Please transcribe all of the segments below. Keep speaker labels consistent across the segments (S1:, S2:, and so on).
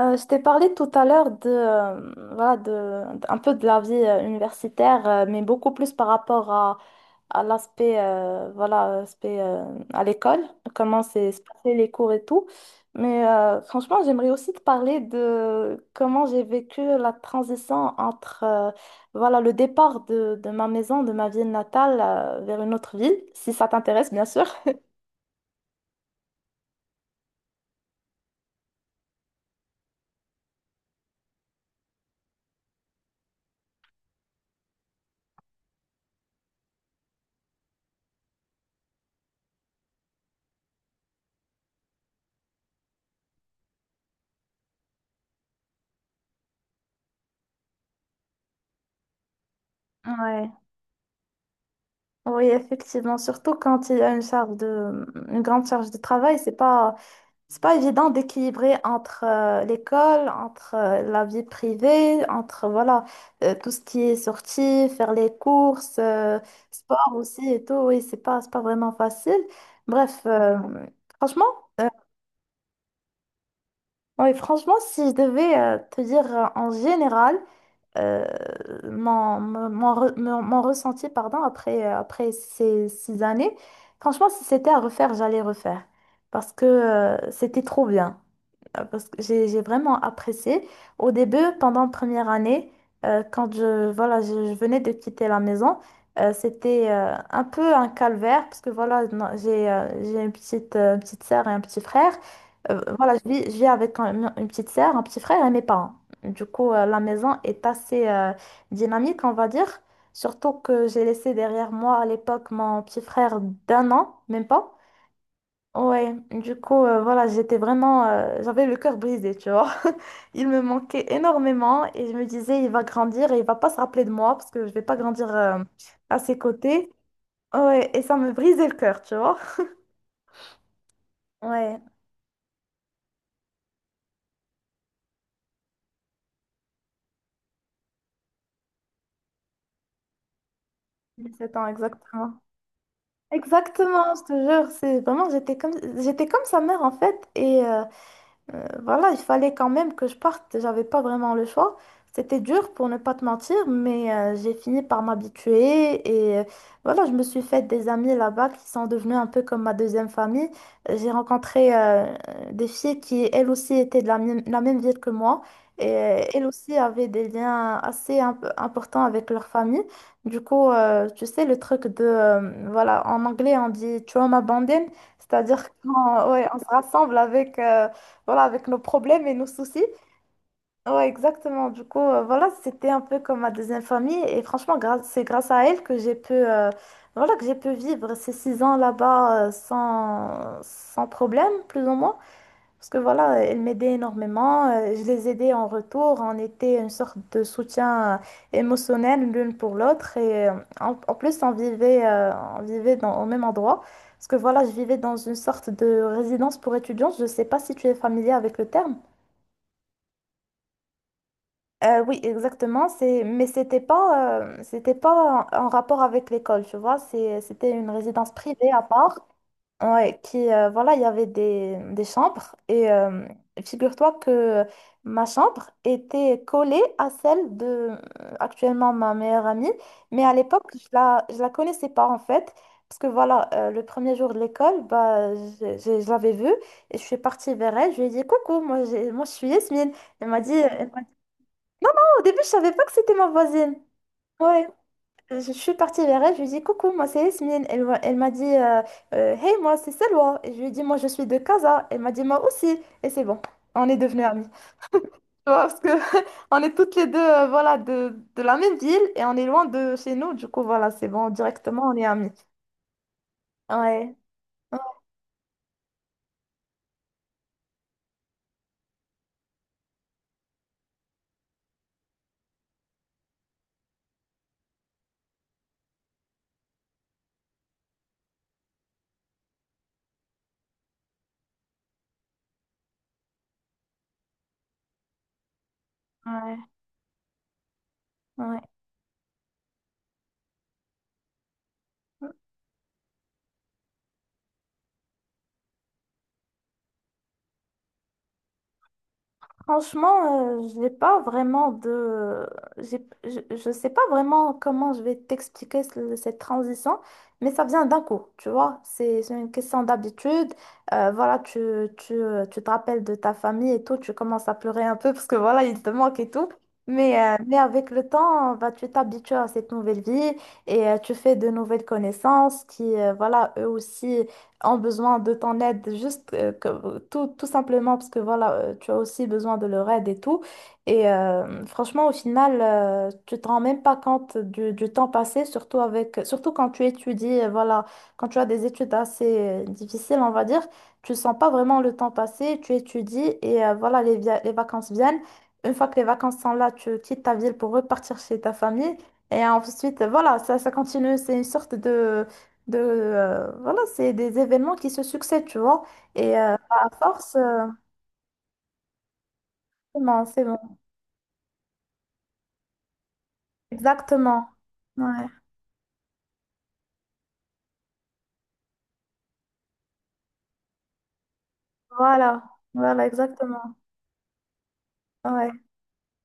S1: Je t'ai parlé tout à l'heure de, voilà, un peu de la vie universitaire, mais beaucoup plus par rapport à l'aspect, voilà, aspect, à l'école, comment c'est se passaient les cours et tout. Mais franchement, j'aimerais aussi te parler de comment j'ai vécu la transition entre, voilà, le départ de ma maison, de ma ville natale, vers une autre ville, si ça t'intéresse, bien sûr. Ouais. Oui, effectivement, surtout quand il y a une une grande charge de travail, c'est pas évident d'équilibrer entre l'école, entre la vie privée, entre voilà, tout ce qui est sortie, faire les courses, sport aussi et tout. Oui, c'est pas vraiment facile. Bref, franchement, euh, oui, franchement, si je devais te dire en général, euh, mon ressenti pardon, après ces 6 années. Franchement, si c'était à refaire, j'allais refaire. Parce que c'était trop bien parce que j'ai vraiment apprécié. Au début, pendant la première année, quand je venais de quitter la maison, c'était un peu un calvaire parce que voilà, non, j'ai une petite sœur et un petit frère. Voilà, je vis avec une petite sœur, un petit frère et mes parents. Du coup, la maison est assez dynamique, on va dire. Surtout que j'ai laissé derrière moi à l'époque mon petit frère d'un an, même pas. Ouais, du coup, voilà, j'avais le cœur brisé, tu vois. Il me manquait énormément et je me disais, il va grandir et il va pas se rappeler de moi parce que je vais pas grandir à ses côtés. Ouais, et ça me brisait le cœur, tu vois. Ouais, 17 ans, exactement. Exactement, je te jure, j'étais comme sa mère en fait et voilà, il fallait quand même que je parte, j'avais pas vraiment le choix. C'était dur pour ne pas te mentir, mais j'ai fini par m'habituer et voilà, je me suis fait des amis là-bas qui sont devenus un peu comme ma deuxième famille. J'ai rencontré des filles qui, elles aussi, étaient de la la même ville que moi et elles aussi avaient des liens assez importants avec leur famille. Du coup, tu sais, le truc de, voilà, en anglais, on dit trauma bonding, c'est-à-dire qu'on ouais, on se rassemble avec voilà, avec nos problèmes et nos soucis. Ouais, exactement. Du coup, voilà, c'était un peu comme ma deuxième famille. Et franchement, c'est grâce à elle que j'ai pu, voilà, que j'ai pu vivre ces 6 ans là-bas sans problème, plus ou moins. Parce que voilà, elle m'aidait énormément. Je les aidais en retour. On était une sorte de soutien émotionnel l'une pour l'autre. Et en plus, on vivait au même endroit. Parce que voilà, je vivais dans une sorte de résidence pour étudiants. Je ne sais pas si tu es familier avec le terme. Oui, exactement. Mais c'était pas en rapport avec l'école, tu vois. C'était une résidence privée à part. Ouais, qui, voilà, il y avait des chambres. Et figure-toi que ma chambre était collée à celle de, actuellement, ma meilleure amie. Mais à l'époque, je la connaissais pas, en fait. Parce que voilà, le premier jour de l'école, bah, je l'avais vue et je suis partie vers elle. Je lui ai dit, coucou, moi je suis Yasmine. Elle m'a dit, non non, au début, je savais pas que c'était ma voisine. Ouais, je suis partie vers elle, je lui ai dit coucou, moi c'est Yasmine. Elle m'a dit hey, moi c'est Selwa. Et je lui ai dit moi je suis de Casa. Elle m'a dit moi aussi. Et c'est bon, on est devenus amies. Tu vois, parce que on est toutes les deux voilà, de la même ville et on est loin de chez nous. Du coup, voilà, c'est bon, directement on est amies. Ouais, ouais, ouais. Ouais. Franchement, j'ai pas vraiment de... je sais pas vraiment comment je vais t'expliquer cette transition, mais ça vient d'un coup, tu vois. C'est une question d'habitude. Voilà, tu te rappelles de ta famille et tout, tu commences à pleurer un peu parce que voilà, il te manque et tout. Mais avec le temps, bah, tu t'habitues à cette nouvelle vie et tu fais de nouvelles connaissances qui, voilà, eux aussi ont besoin de ton aide, juste tout, tout simplement parce que voilà, tu as aussi besoin de leur aide et tout. Et franchement, au final, tu te rends même pas compte du temps passé, surtout quand tu étudies, voilà, quand tu as des études assez difficiles, on va dire, tu sens pas vraiment le temps passer, tu étudies et voilà, les vacances viennent. Une fois que les vacances sont là, tu quittes ta ville pour repartir chez ta famille. Et ensuite, voilà, ça continue. C'est une sorte de voilà, c'est des événements qui se succèdent, tu vois, et à force c'est bon, c'est bon, exactement, ouais, voilà, voilà, exactement, ouais,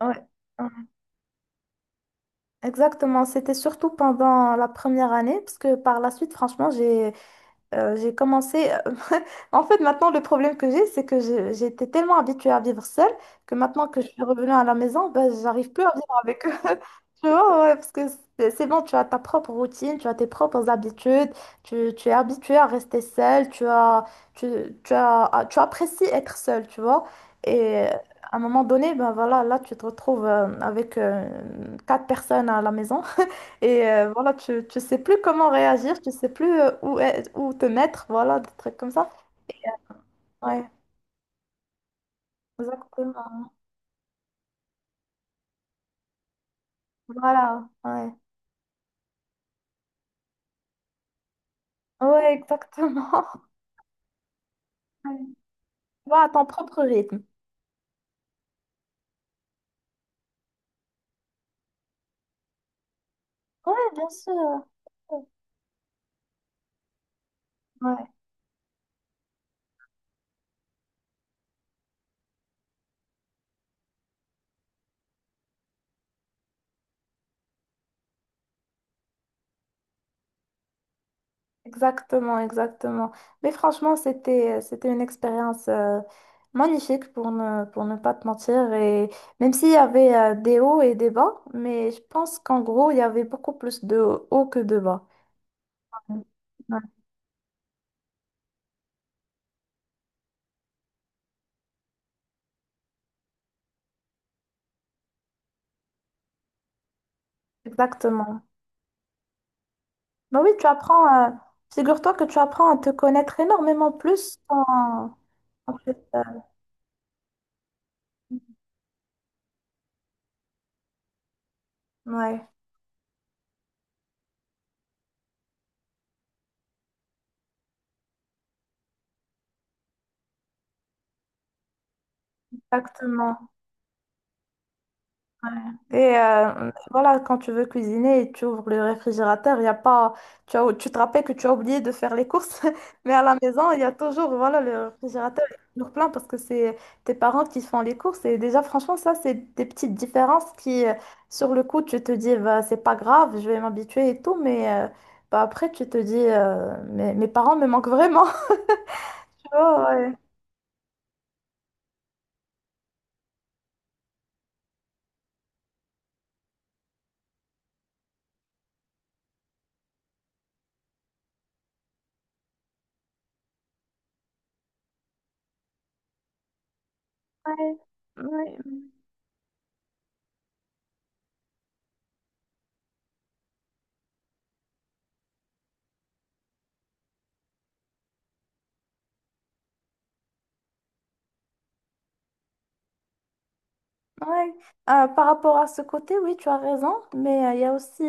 S1: ouais, ouais. Exactement, c'était surtout pendant la première année parce que par la suite franchement j'ai commencé. En fait, maintenant, le problème que j'ai, c'est que j'étais tellement habituée à vivre seule que maintenant que je suis revenue à la maison, ben, j'arrive plus à vivre avec eux. Tu vois, ouais, parce que c'est bon, tu as ta propre routine, tu as tes propres habitudes, tu es habituée à rester seule, tu, tu as, ah, tu apprécies être seule, tu vois. Et à un moment donné, ben voilà, là, tu te retrouves avec 4 personnes à la maison. Et voilà, tu sais plus comment réagir, tu sais plus où te mettre, voilà, des trucs comme ça. Ouais, exactement. Voilà, ouais. Ouais, exactement. Ouais. Ouais, à ton propre rythme. Ouais, bien sûr. Ouais, exactement, exactement. Mais franchement, c'était une expérience magnifique pour ne pas te mentir. Et même s'il y avait des hauts et des bas, mais je pense qu'en gros, il y avait beaucoup plus de hauts que de bas. Ouais, exactement. Bah oui, tu apprends, figure-toi que tu apprends à te connaître énormément plus en fait, ouais, exactement. Ouais. Et voilà, quand tu veux cuisiner et tu ouvres le réfrigérateur, il y a pas, tu as- tu te rappelles que tu as oublié de faire les courses, mais à la maison, il y a toujours, voilà, le réfrigérateur est toujours plein parce que c'est tes parents qui font les courses. Et déjà, franchement, ça, c'est des petites différences qui, sur le coup, tu te dis, bah, c'est pas grave, je vais m'habituer et tout, mais bah, après, tu te dis, mes parents me manquent vraiment. Oh, ouais. Ouais, ouais. Ouais. Par rapport à ce côté, oui, tu as raison, mais il y a aussi,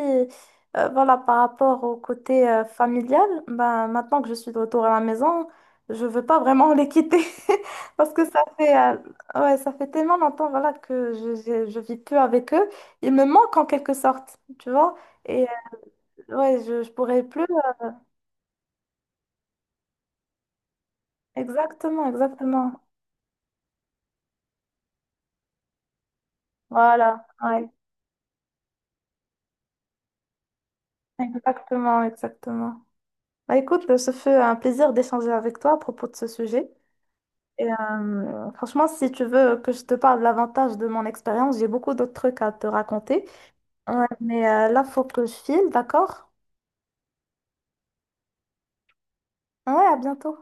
S1: voilà, par rapport au côté familial, ben, maintenant que je suis de retour à la maison, je veux pas vraiment les quitter parce que ça fait, ouais, ça fait tellement longtemps, voilà, que je vis plus avec eux. Ils me manquent en quelque sorte, tu vois, et ouais, je pourrais plus. Exactement, exactement. Voilà, ouais, exactement, exactement. Bah, écoute, ce fut un plaisir d'échanger avec toi à propos de ce sujet. Et, franchement, si tu veux que je te parle davantage de mon expérience, j'ai beaucoup d'autres trucs à te raconter. Ouais, mais là, faut que je file, d'accord? Ouais, à bientôt.